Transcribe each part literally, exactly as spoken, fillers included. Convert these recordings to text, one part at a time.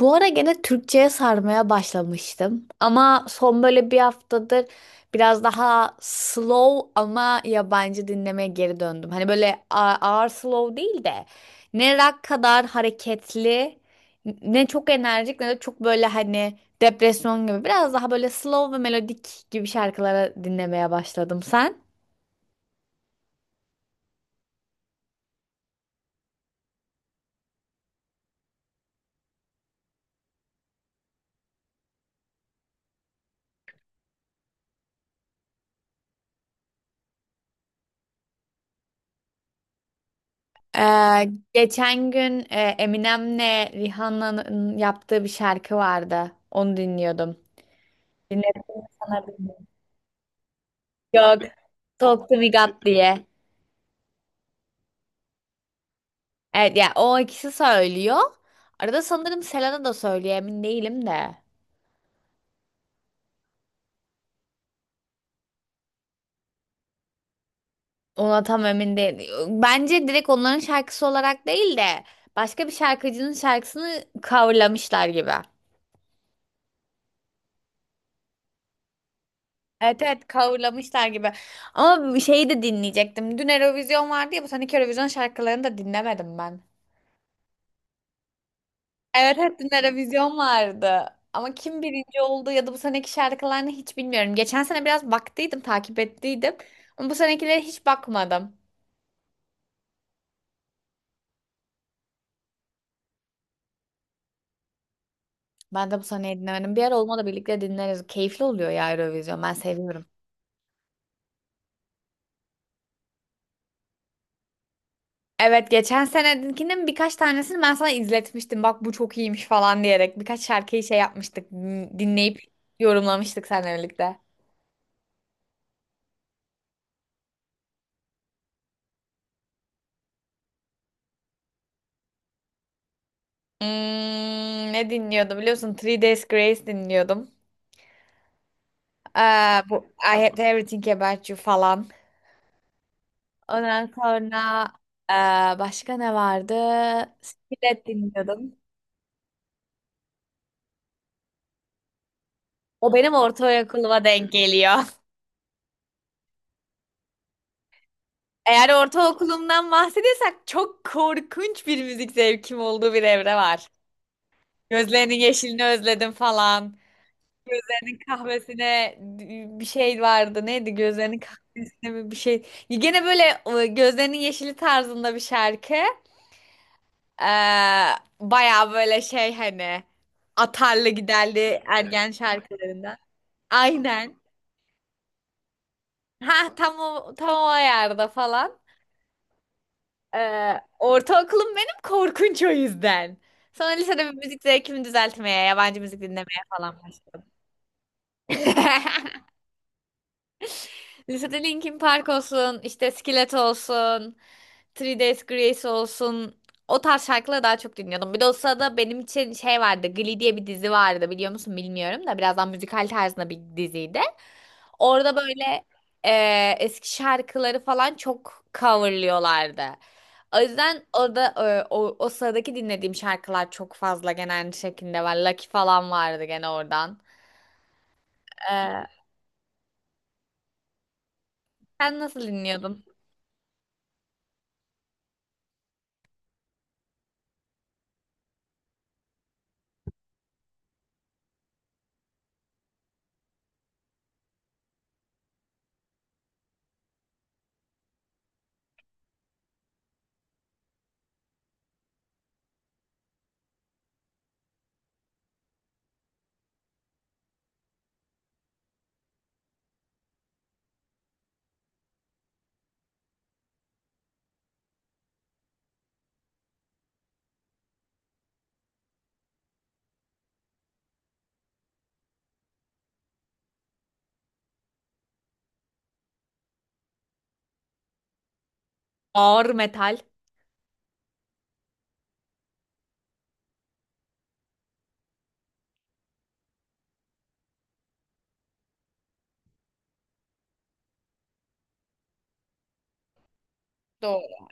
Bu ara gene Türkçe'ye sarmaya başlamıştım. Ama son böyle bir haftadır biraz daha slow ama yabancı dinlemeye geri döndüm. Hani böyle a- ağır slow değil de ne rock kadar hareketli, ne çok enerjik ne de çok böyle hani depresyon gibi. Biraz daha böyle slow ve melodik gibi şarkılara dinlemeye başladım. Sen? Ee, Geçen gün e, Eminem'le Rihanna'nın yaptığı bir şarkı vardı. Onu dinliyordum. Dinlettim mi sana bilmiyorum. Yok. Talk to me God diye. Evet ya, o ikisi söylüyor. Arada sanırım Selena da söylüyor, emin değilim de. Ona tam emin değil. Bence direkt onların şarkısı olarak değil de başka bir şarkıcının şarkısını coverlamışlar gibi. Evet, evet, coverlamışlar gibi. Ama bir şeyi de dinleyecektim. Dün Eurovision vardı ya, bu seneki Eurovision şarkılarını da dinlemedim ben. Evet, hep dün Eurovision vardı. Ama kim birinci oldu ya da bu seneki şarkılarını hiç bilmiyorum. Geçen sene biraz baktıydım, takip ettiydim. Ama bu senekilere hiç bakmadım. Ben de bu seneyi dinlemedim. Bir ara olmadı birlikte dinleriz. Keyifli oluyor ya Eurovision. Ben seviyorum. Evet, geçen senekinin birkaç tanesini ben sana izletmiştim. Bak bu çok iyiymiş falan diyerek. Birkaç şarkıyı şey yapmıştık. Dinleyip yorumlamıştık seninle birlikte. Hmm, Ne dinliyordum biliyorsun? Three Days Grace dinliyordum. Ee, Bu I Had Everything About You falan. Ondan sonra ee, başka ne vardı? Skillet dinliyordum. O benim ortaokuluma denk geliyor. Eğer ortaokulumdan bahsediyorsak çok korkunç bir müzik zevkim olduğu bir evre var. Gözlerinin yeşilini özledim falan. Gözlerinin kahvesine bir şey vardı. Neydi? Gözlerinin kahvesine mi bir şey. Gene böyle e, gözlerinin yeşili tarzında bir şarkı. Ee, Bayağı böyle şey, hani atarlı giderli, Evet. ergen şarkılarından. Aynen. Ha, tam o, tam o ayarda falan. Ee, ortaokulum benim korkunç o yüzden. Sonra lisede bir müzik zevkimi düzeltmeye, yabancı müzik dinlemeye falan başladım. Lisede Linkin Park olsun, işte Skillet olsun, Three Days Grace olsun. O tarz şarkıları daha çok dinliyordum. Bir de o sırada benim için şey vardı. Glee diye bir dizi vardı, biliyor musun bilmiyorum da, birazdan müzikal tarzında bir diziydi. Orada böyle eee, eski şarkıları falan çok coverlıyorlardı. O yüzden orada e, o, o sıradaki dinlediğim şarkılar çok fazla genel şekilde var. Lucky falan vardı gene oradan. Eee, Sen nasıl dinliyordun? Ağır metal. Doğru.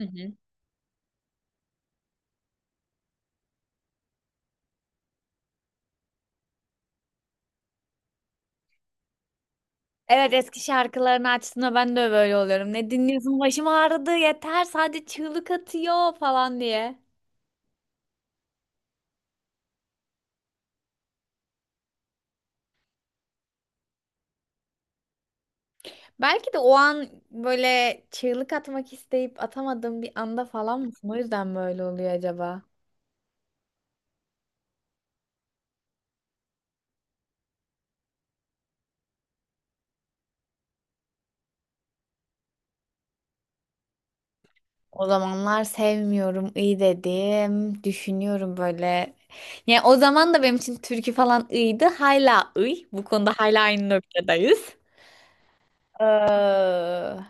Hı hı. Evet, eski şarkılarını açtığında ben de böyle oluyorum. Ne dinliyorsun? Başım ağrıdı yeter, sadece çığlık atıyor falan diye. Belki de o an böyle çığlık atmak isteyip atamadığım bir anda falan mısın? O yüzden böyle oluyor acaba. O zamanlar sevmiyorum iyi dedim. Düşünüyorum böyle. Yani o zaman da benim için türkü falan iyiydi. Hala iyi. Bu konuda hala aynı noktadayız. Ee,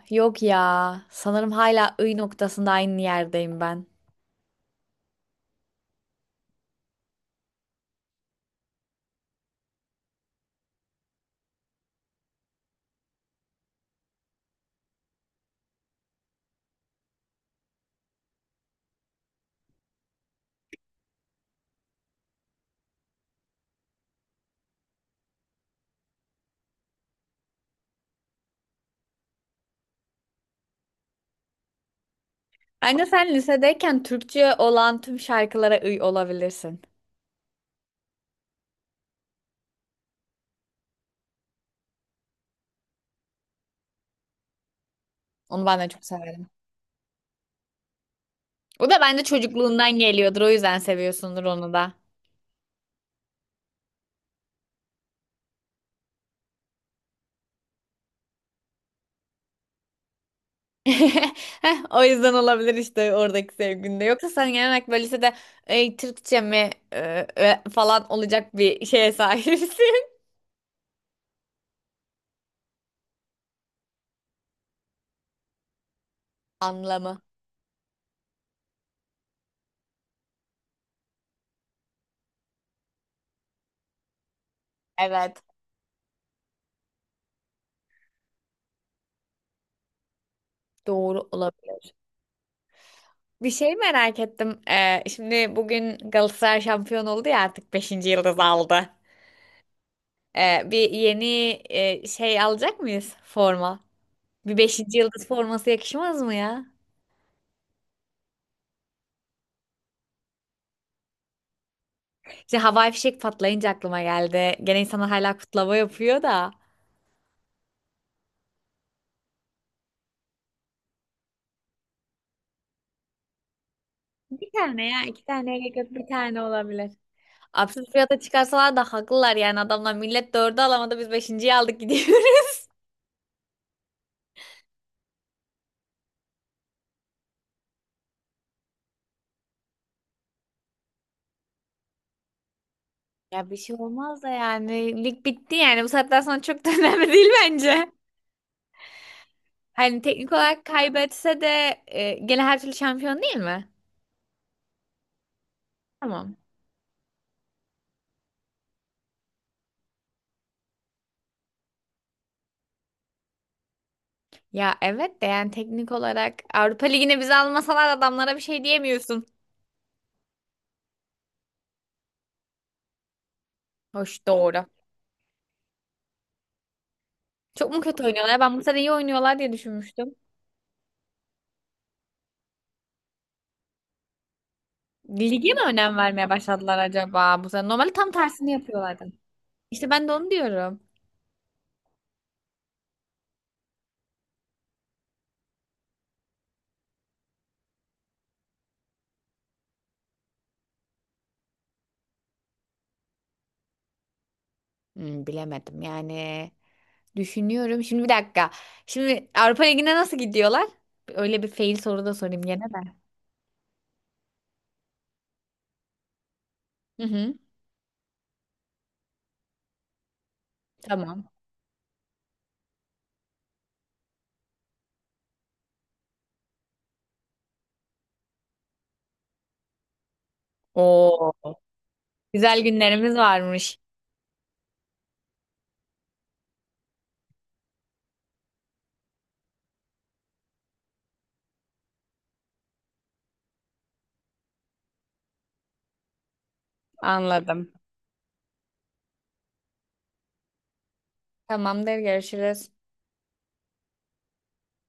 Yok ya. Sanırım hala iyi noktasında aynı yerdeyim ben. Bence sen lisedeyken Türkçe olan tüm şarkılara uy olabilirsin. Onu ben de çok severim. O da bence çocukluğundan geliyordur. O yüzden seviyorsundur onu da. Heh, o yüzden olabilir işte oradaki sevginde. Yoksa sen genel olarak böyle lisede "Ey, Türkçe mi e, e," falan olacak bir şeye sahipsin. Anlamı. Evet. Doğru olabilir. Bir şey merak ettim. Ee, şimdi bugün Galatasaray şampiyon oldu ya, artık beşinci yıldız aldı. Ee, bir yeni e, şey alacak mıyız forma? Bir beşinci yıldız forması yakışmaz mı ya? İşte havai fişek patlayınca aklıma geldi. Gene insanlar hala kutlama yapıyor da. Bir tane ya iki tane gerek yok, bir tane olabilir. Absürt fiyata çıkarsalar da haklılar yani, adamlar millet dördü alamadı, biz beşinciyi aldık gidiyoruz. Ya bir şey olmaz da, yani lig bitti yani bu saatten sonra çok da önemli değil bence. Hani teknik olarak kaybetse de e, gene her türlü şampiyon değil mi? Tamam. Ya evet de, yani teknik olarak Avrupa Ligi'ne bizi almasalar adamlara bir şey diyemiyorsun. Hoş, doğru. Çok mu kötü oynuyorlar? Ben bu sene iyi oynuyorlar diye düşünmüştüm. Lige mi önem vermeye başladılar acaba bu sene? Normalde tam tersini yapıyorlardı. İşte ben de onu diyorum. Hmm, bilemedim yani. Düşünüyorum. Şimdi bir dakika. Şimdi Avrupa Ligi'ne nasıl gidiyorlar? Öyle bir fail soru da sorayım gene de. Hı hı. Tamam. Oo, güzel günlerimiz varmış. Anladım. Tamamdır, görüşürüz.